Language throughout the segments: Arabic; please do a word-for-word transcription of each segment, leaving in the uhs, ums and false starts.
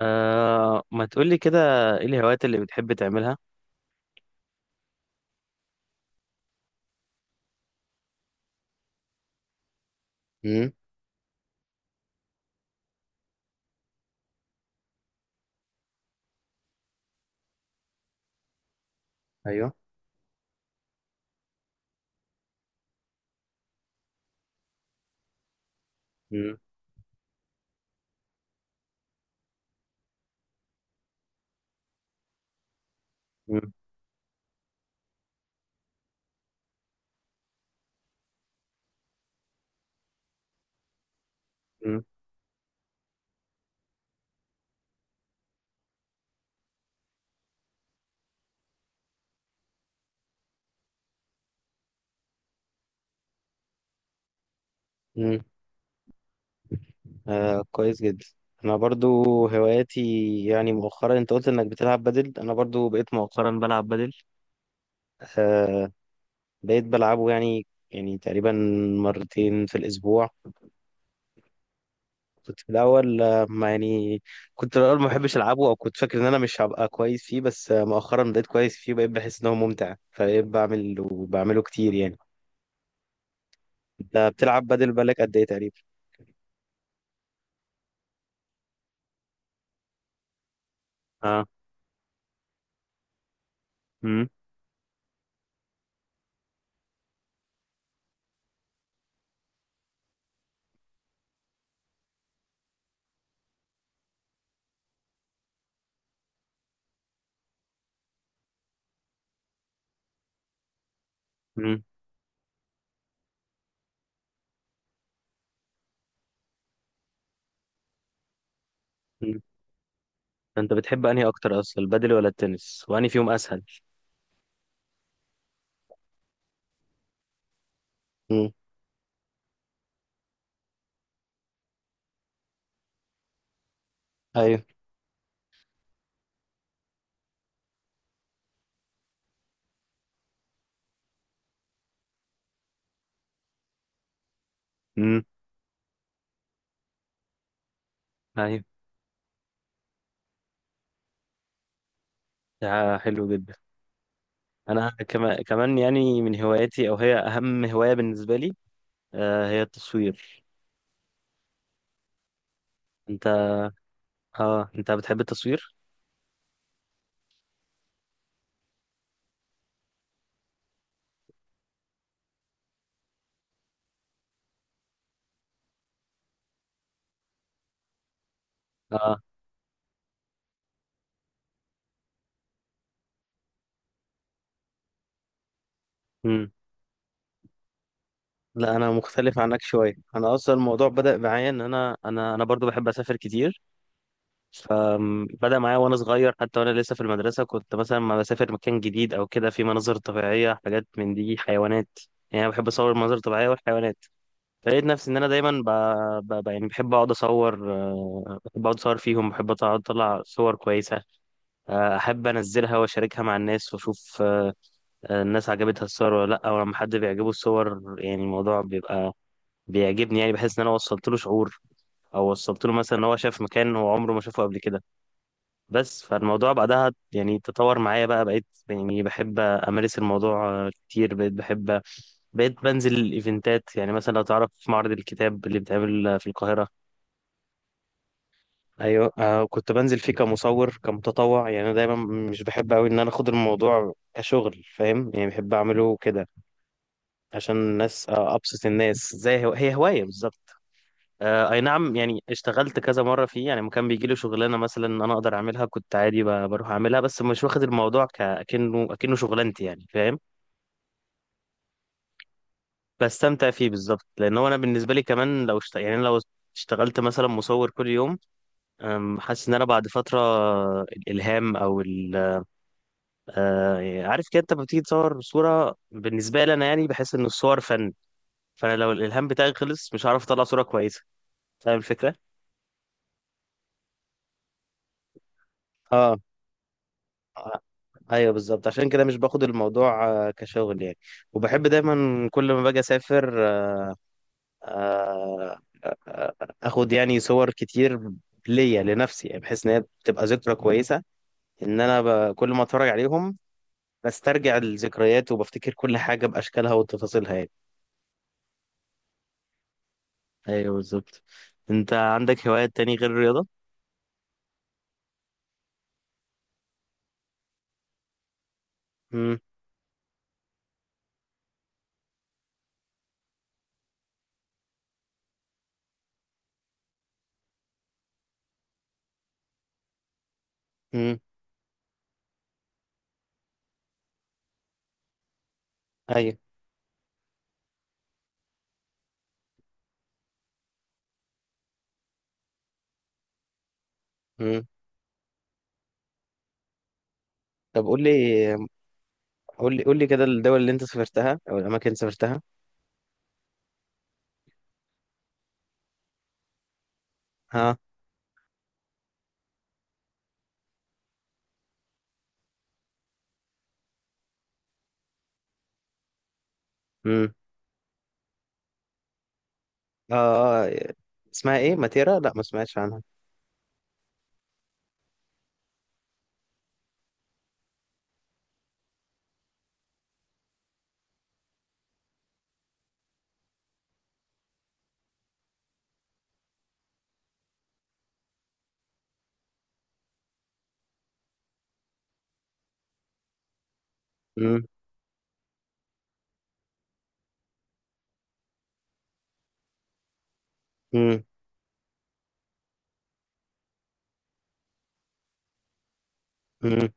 آه، ما تقولي كده. ايه الهوايات اللي بتحب تعملها؟ مم. ايوه. مم. مم. مم. مم. آه، كويس جدا. انا برضو، هواياتي، يعني مؤخرا انت قلت انك بتلعب بدل، انا برضو بقيت مؤخرا بلعب بدل. آه. بقيت بلعبه، يعني يعني تقريبا مرتين في الاسبوع. كنت في الاول آه، ما يعني، كنت في الاول ما بحبش العبه او كنت فاكر ان انا مش هبقى كويس فيه، بس آه، مؤخرا بقيت كويس فيه، بقيت بحس ان هو ممتع، فبقيت بعمل وبعمله كتير يعني. انت بتلعب بدل بالك قد ايه تقريبا؟ اه. امم. امم. امم. انت بتحب انهي اكتر اصلا، البادل ولا التنس، وانهي فيهم اسهل؟ امم. ايوه. امم. ايوه. ده حلو جدا. انا كمان كمان، يعني من هواياتي، او هي اهم هواية بالنسبة لي، آه، هي التصوير. انت، اه انت بتحب التصوير؟ اه. امم. لا انا مختلف عنك شوية، انا اصلا الموضوع بدأ معايا ان انا انا انا برضو بحب اسافر كتير. فبدأ معايا وأنا صغير، حتى وأنا لسه في المدرسة كنت مثلا ما بسافر مكان جديد أو كده، في مناظر طبيعية، حاجات من دي، حيوانات. يعني أنا بحب أصور المناظر الطبيعية والحيوانات. فلقيت نفسي إن أنا دايما ب... ب... ب... يعني بحب أقعد أصور. آه، بحب أقعد أصور فيهم، بحب أقعد أطلع صور كويسة. آه، أحب أنزلها وأشاركها مع الناس وأشوف آه، آه، الناس عجبتها الصور ولا لأ. ولما حد بيعجبه الصور يعني الموضوع بيبقى بيعجبني، يعني بحس إن أنا وصلت له شعور، أو وصلت له مثلا إن هو شاف مكان هو عمره ما شافه قبل كده. بس فالموضوع بعدها يعني تطور معايا بقى، بقيت يعني بحب أمارس الموضوع آه، كتير، بقيت بحب بقيت بنزل الإيفنتات. يعني مثلا لو تعرف معرض الكتاب اللي بيتعمل آه، في القاهرة. أيوة آه، كنت بنزل فيه كمصور كمتطوع، يعني أنا دايما مش بحب أوي إن أنا أخد الموضوع كشغل، فاهم يعني، بحب أعمله كده عشان الناس، آه، أبسط الناس، زي هو... هي هواية بالظبط. آه، اي نعم، يعني اشتغلت كذا مره فيه، يعني لما كان بيجي لي شغلانه مثلا انا اقدر اعملها كنت عادي ب- بروح اعملها، بس مش واخد الموضوع كأنه اكنه شغلانتي، يعني فاهم. بستمتع فيه بالظبط، لان هو انا بالنسبه لي كمان لو اشت... يعني أنا لو اشتغلت مثلا مصور كل يوم، أم، حاسس ان انا بعد فتره الالهام او ال... آه، عارف كده، انت لما بتيجي تصور صوره، بالنسبه لي انا يعني بحس ان الصور فن. فانا لو الالهام بتاعي خلص مش هعرف اطلع صوره كويسه، فاهم الفكره؟ اه. ايوه بالظبط، عشان كده مش باخد الموضوع آه، كشغل يعني. وبحب دايما كل ما باجي اسافر آه، اخد يعني صور كتير ليا لنفسي، يعني بحيث ان هي بتبقى ذكرى كويسه ان انا ب... كل ما اتفرج عليهم بسترجع الذكريات وبفتكر كل حاجه باشكالها وتفاصيلها يعني. ايوه بالظبط. انت عندك هوايات تاني غير الرياضه؟ امم. امم. ايوه. امم. طب قول لي، قول لي قول لي كده الدول اللي انت سافرتها او الاماكن اللي سافرتها. ها. امم. اه. آه، اسمها ايه ماتيرا؟ لا ما سمعتش عنها. مم. مم.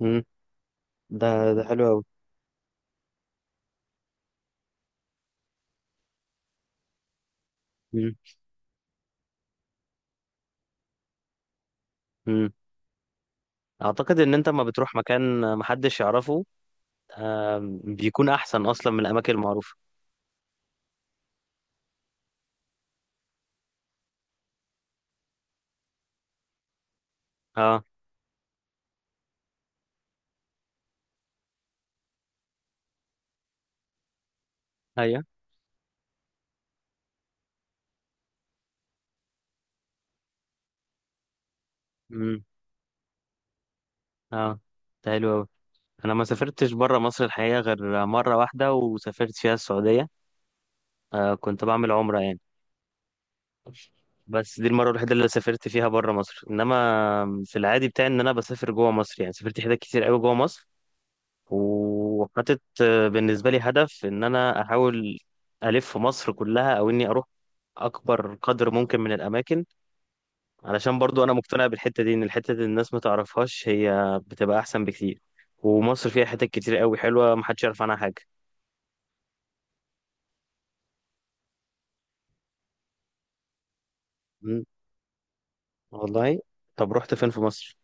مم. ده ده حلو قوي. مم. مم. اعتقد ان انت ما بتروح مكان محدش يعرفه. آم، بيكون احسن اصلا من الاماكن المعروفه. اه. ايوه. مم. اه. ده حلو قوي. انا ما سافرتش بره مصر الحقيقه غير مره واحده، وسافرت فيها السعوديه. آه، كنت بعمل عمره يعني. بس دي المره الوحيده اللي سافرت فيها بره مصر، انما في العادي بتاعي ان انا بسافر جوه مصر، يعني سافرت حتت كتير قوي جوه مصر، وحاطط آه، بالنسبة لي هدف إن أنا أحاول ألف مصر كلها، أو إني أروح أكبر قدر ممكن من الأماكن. علشان برضو أنا مقتنع بالحتة دي، إن الحتة دي الناس ما تعرفهاش هي بتبقى أحسن بكتير. ومصر فيها حتت كتير قوي حلوة محدش يعرف عنها حاجة. مم. والله. طب رحت فين في مصر؟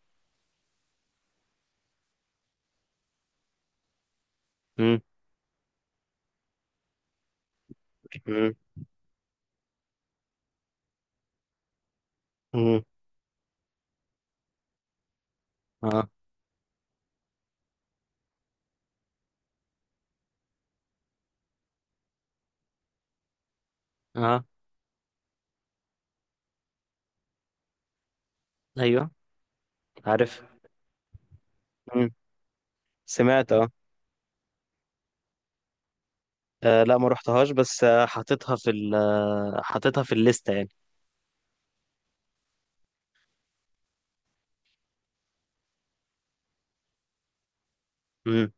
مم. مم. مم. آه. آه. أيوه عارف. مم. سمعت آه. آه، لا ما رحتهاش، بس آه، حاططها في ال آه، حاططها في الليستة يعني. مم.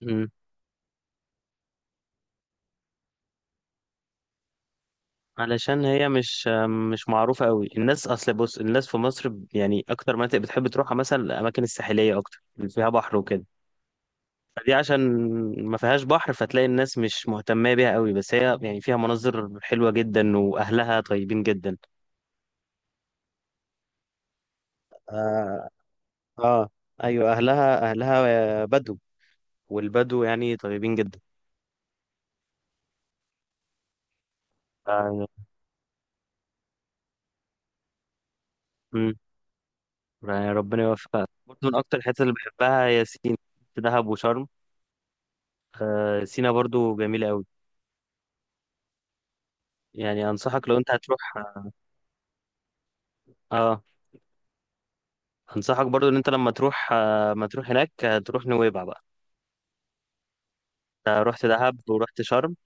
مم. علشان هي مش مش معروفة قوي. الناس، أصل بص، الناس في مصر ب- يعني أكتر مناطق بتحب تروحها مثلا الأماكن الساحلية، أكتر اللي فيها بحر وكده. فدي عشان ما فيهاش بحر فتلاقي الناس مش مهتمة بيها قوي، بس هي يعني فيها مناظر حلوة جدا وأهلها طيبين جدا. آه. آه. أيوة، أهلها أهلها بدو، والبدو يعني طيبين جدا. آه. مم. يعني ربنا يوفقها. برضه من أكتر الحتت اللي بحبها هي سينا، دهب وشرم. آه، سينا برضو جميلة قوي، يعني انصحك لو انت هتروح. اه. انصحك برضو ان انت لما تروح آه، ما تروح هناك، آه، تروح نويبع بقى. انت رحت دهب ورحت شرم،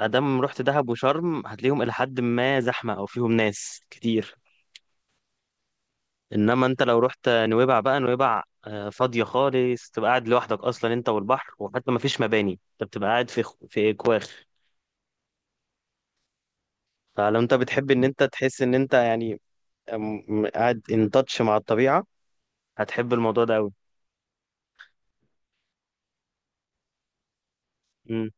ادام رحت دهب وشرم هتلاقيهم الى حد ما زحمه او فيهم ناس كتير. انما انت لو رحت نويبع بقى، نويبع آه، فاضيه خالص، تبقى قاعد لوحدك اصلا انت والبحر، وحتى ما فيش مباني، انت بتبقى قاعد في خ- في كواخ. فلو انت بتحب ان انت تحس ان انت يعني آم، قاعد ان تاتش مع الطبيعه، هتحب الموضوع ده قوي. امم.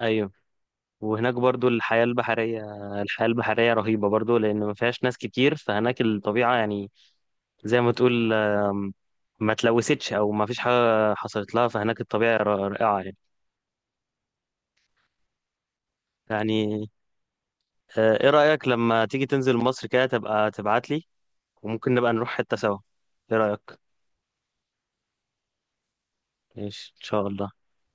ايوه. وهناك برضو الحياة البحرية. الحياة البحرية رهيبة برضو، لأن ما فيهاش ناس كتير فهناك الطبيعة يعني، زي ما تقول آم، ما تلوثتش أو ما فيش حاجة حصلت لها، فهناك الطبيعة ر- رائعة يعني. يعني آه، إيه رأيك لما تيجي تنزل مصر كده تبقى تبعت لي، وممكن نبقى نروح حتة سوا، إيه رأيك؟ ماشي إن شاء الله.